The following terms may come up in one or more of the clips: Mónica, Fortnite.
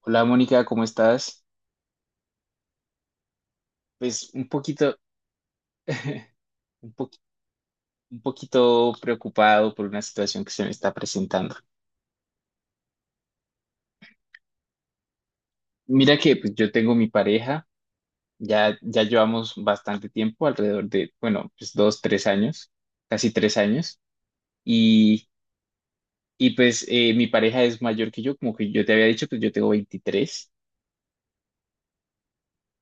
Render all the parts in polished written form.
Hola Mónica, ¿cómo estás? Pues un poquito, un po- un poquito preocupado por una situación que se me está presentando. Mira que pues, yo tengo mi pareja, ya llevamos bastante tiempo, alrededor de, bueno, pues 2, 3 años, casi 3 años. Y, y pues eh, mi pareja es mayor que yo, como que yo te había dicho, pues yo tengo 23.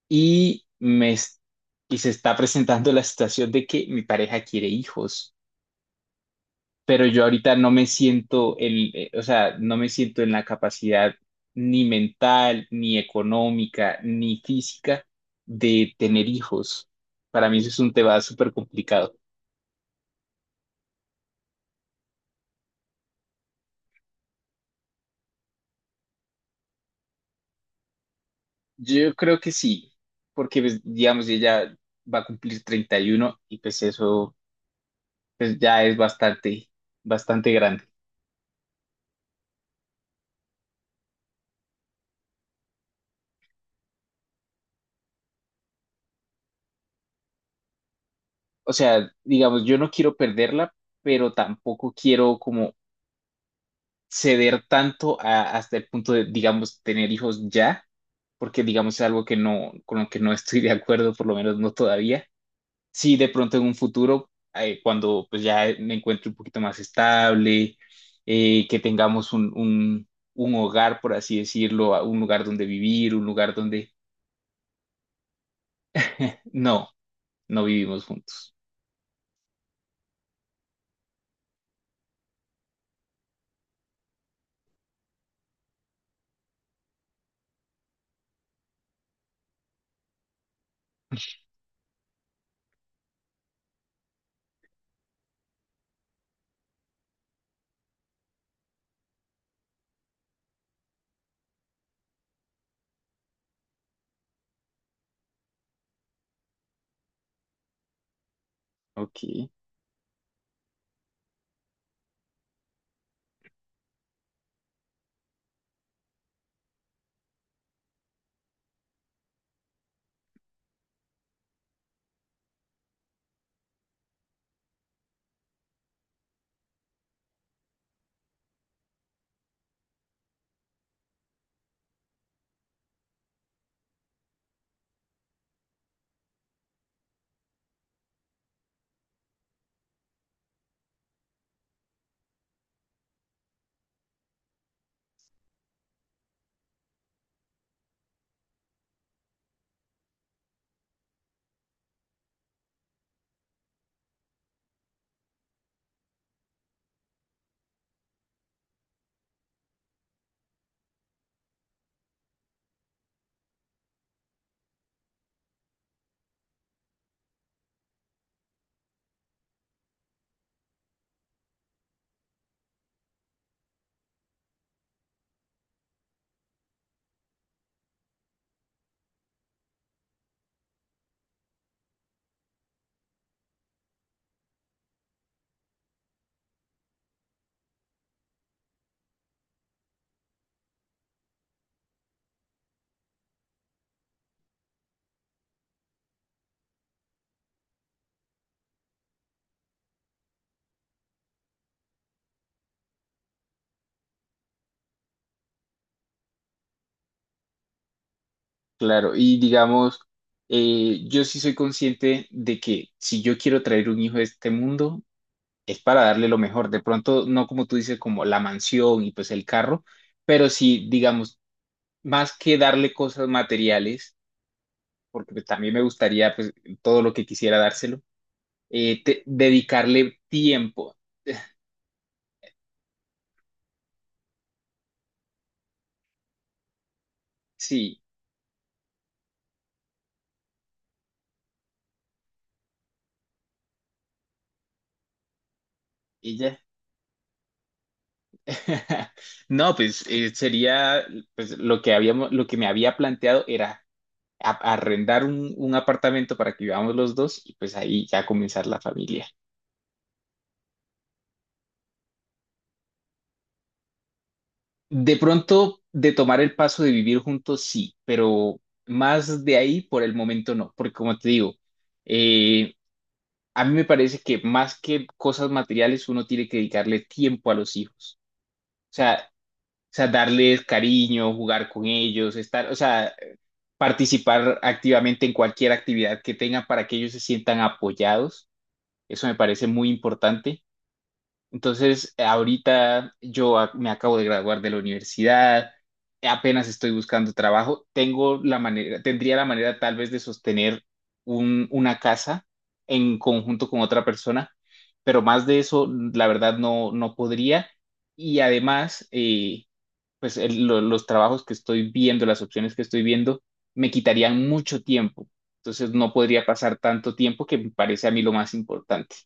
y, me, es- y se está presentando la situación de que mi pareja quiere hijos. Pero yo ahorita no me siento o sea, no me siento en la capacidad ni mental, ni económica, ni física de tener hijos. Para mí eso es un tema súper complicado. Yo creo que sí, porque pues, digamos, ella va a cumplir 31 y pues eso pues, ya es bastante, bastante grande. O sea, digamos, yo no quiero perderla, pero tampoco quiero como ceder tanto hasta el punto de, digamos, tener hijos ya, porque, digamos, es algo que no, con lo que no estoy de acuerdo, por lo menos no todavía. Sí, de pronto en un futuro, cuando pues ya me encuentre un poquito más estable, que tengamos un hogar, por así decirlo, un lugar donde vivir, un lugar donde no, no vivimos juntos. Ok, claro. Y digamos, yo sí soy consciente de que si yo quiero traer un hijo a este mundo, es para darle lo mejor. De pronto, no como tú dices, como la mansión y pues el carro, pero sí, digamos, más que darle cosas materiales, porque pues también me gustaría pues todo lo que quisiera dárselo, dedicarle tiempo. Sí, ella. No, pues sería pues lo que habíamos, lo que me había planteado era arrendar un apartamento para que vivamos los dos y pues ahí ya comenzar la familia. De pronto, de tomar el paso de vivir juntos, sí, pero más de ahí por el momento no, porque como te digo, eh, a mí me parece que más que cosas materiales uno tiene que dedicarle tiempo a los hijos. O sea, o sea, darles cariño, jugar con ellos, estar, o sea, participar activamente en cualquier actividad que tengan para que ellos se sientan apoyados, eso me parece muy importante. Entonces, ahorita yo me acabo de graduar de la universidad, apenas estoy buscando trabajo, tengo la manera, tendría la manera tal vez de sostener una casa en conjunto con otra persona, pero más de eso, la verdad, no, no podría. Y además, pues los trabajos que estoy viendo, las opciones que estoy viendo, me quitarían mucho tiempo. Entonces, no podría pasar tanto tiempo que me parece a mí lo más importante.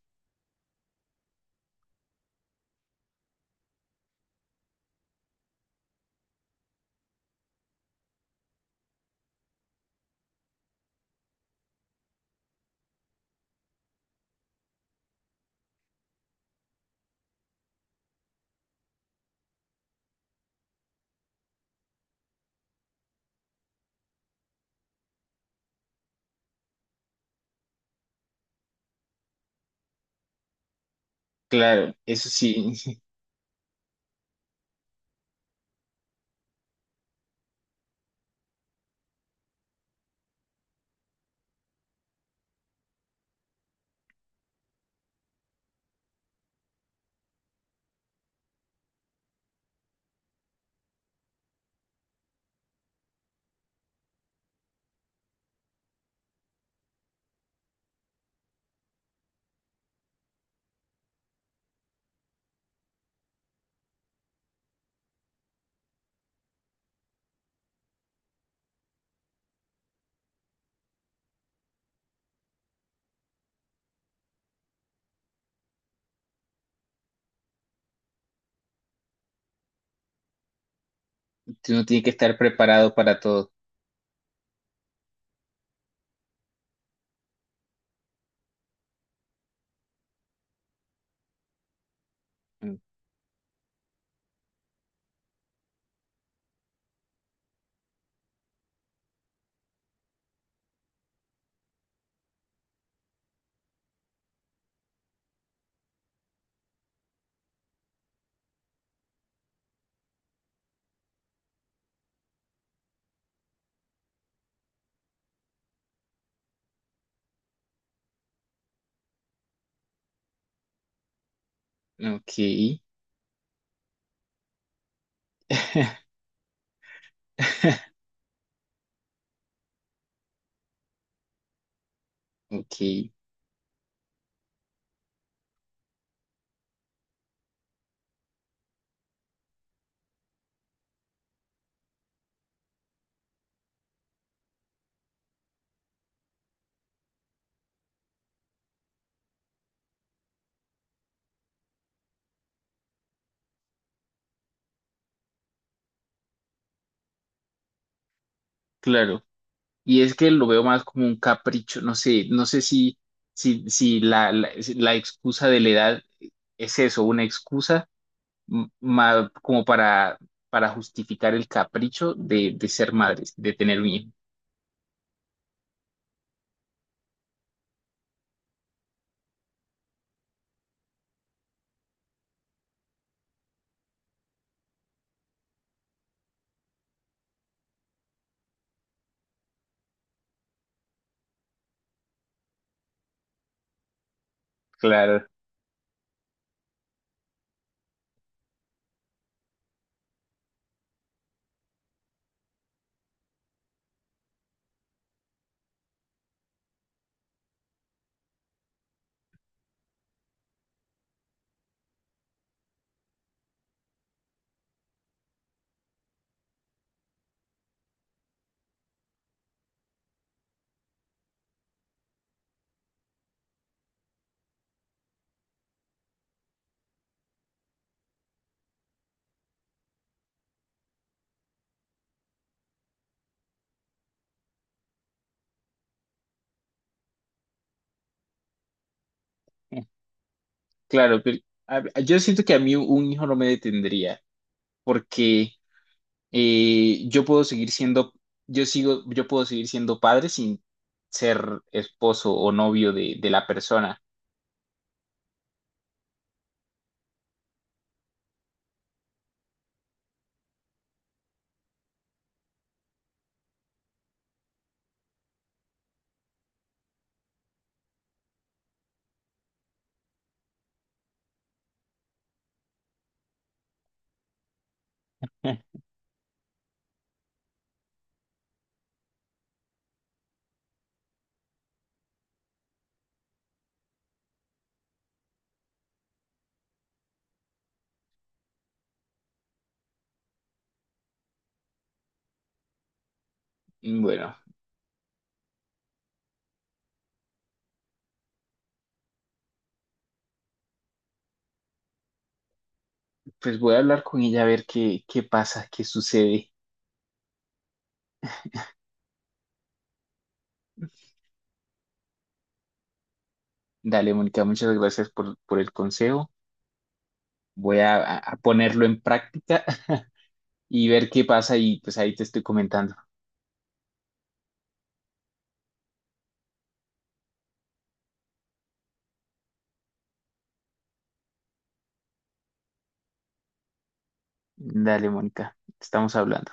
Claro, eso sí. Uno tiene que estar preparado para todo. Mm. Ok. Ok, claro. Y es que lo veo más como un capricho, no sé si, si la excusa de la edad es eso, una excusa como para justificar el capricho de ser madres, de tener un hijo. Claro, claro, pero yo siento que a mí un hijo no me detendría, porque yo puedo seguir siendo, yo sigo, yo puedo seguir siendo padre sin ser esposo o novio de, la persona. Bueno, pues voy a hablar con ella a ver qué, pasa, qué sucede. Dale, Mónica, muchas gracias por el consejo. Voy a, a ponerlo en práctica y ver qué pasa y pues ahí te estoy comentando. Dale, Mónica, estamos hablando.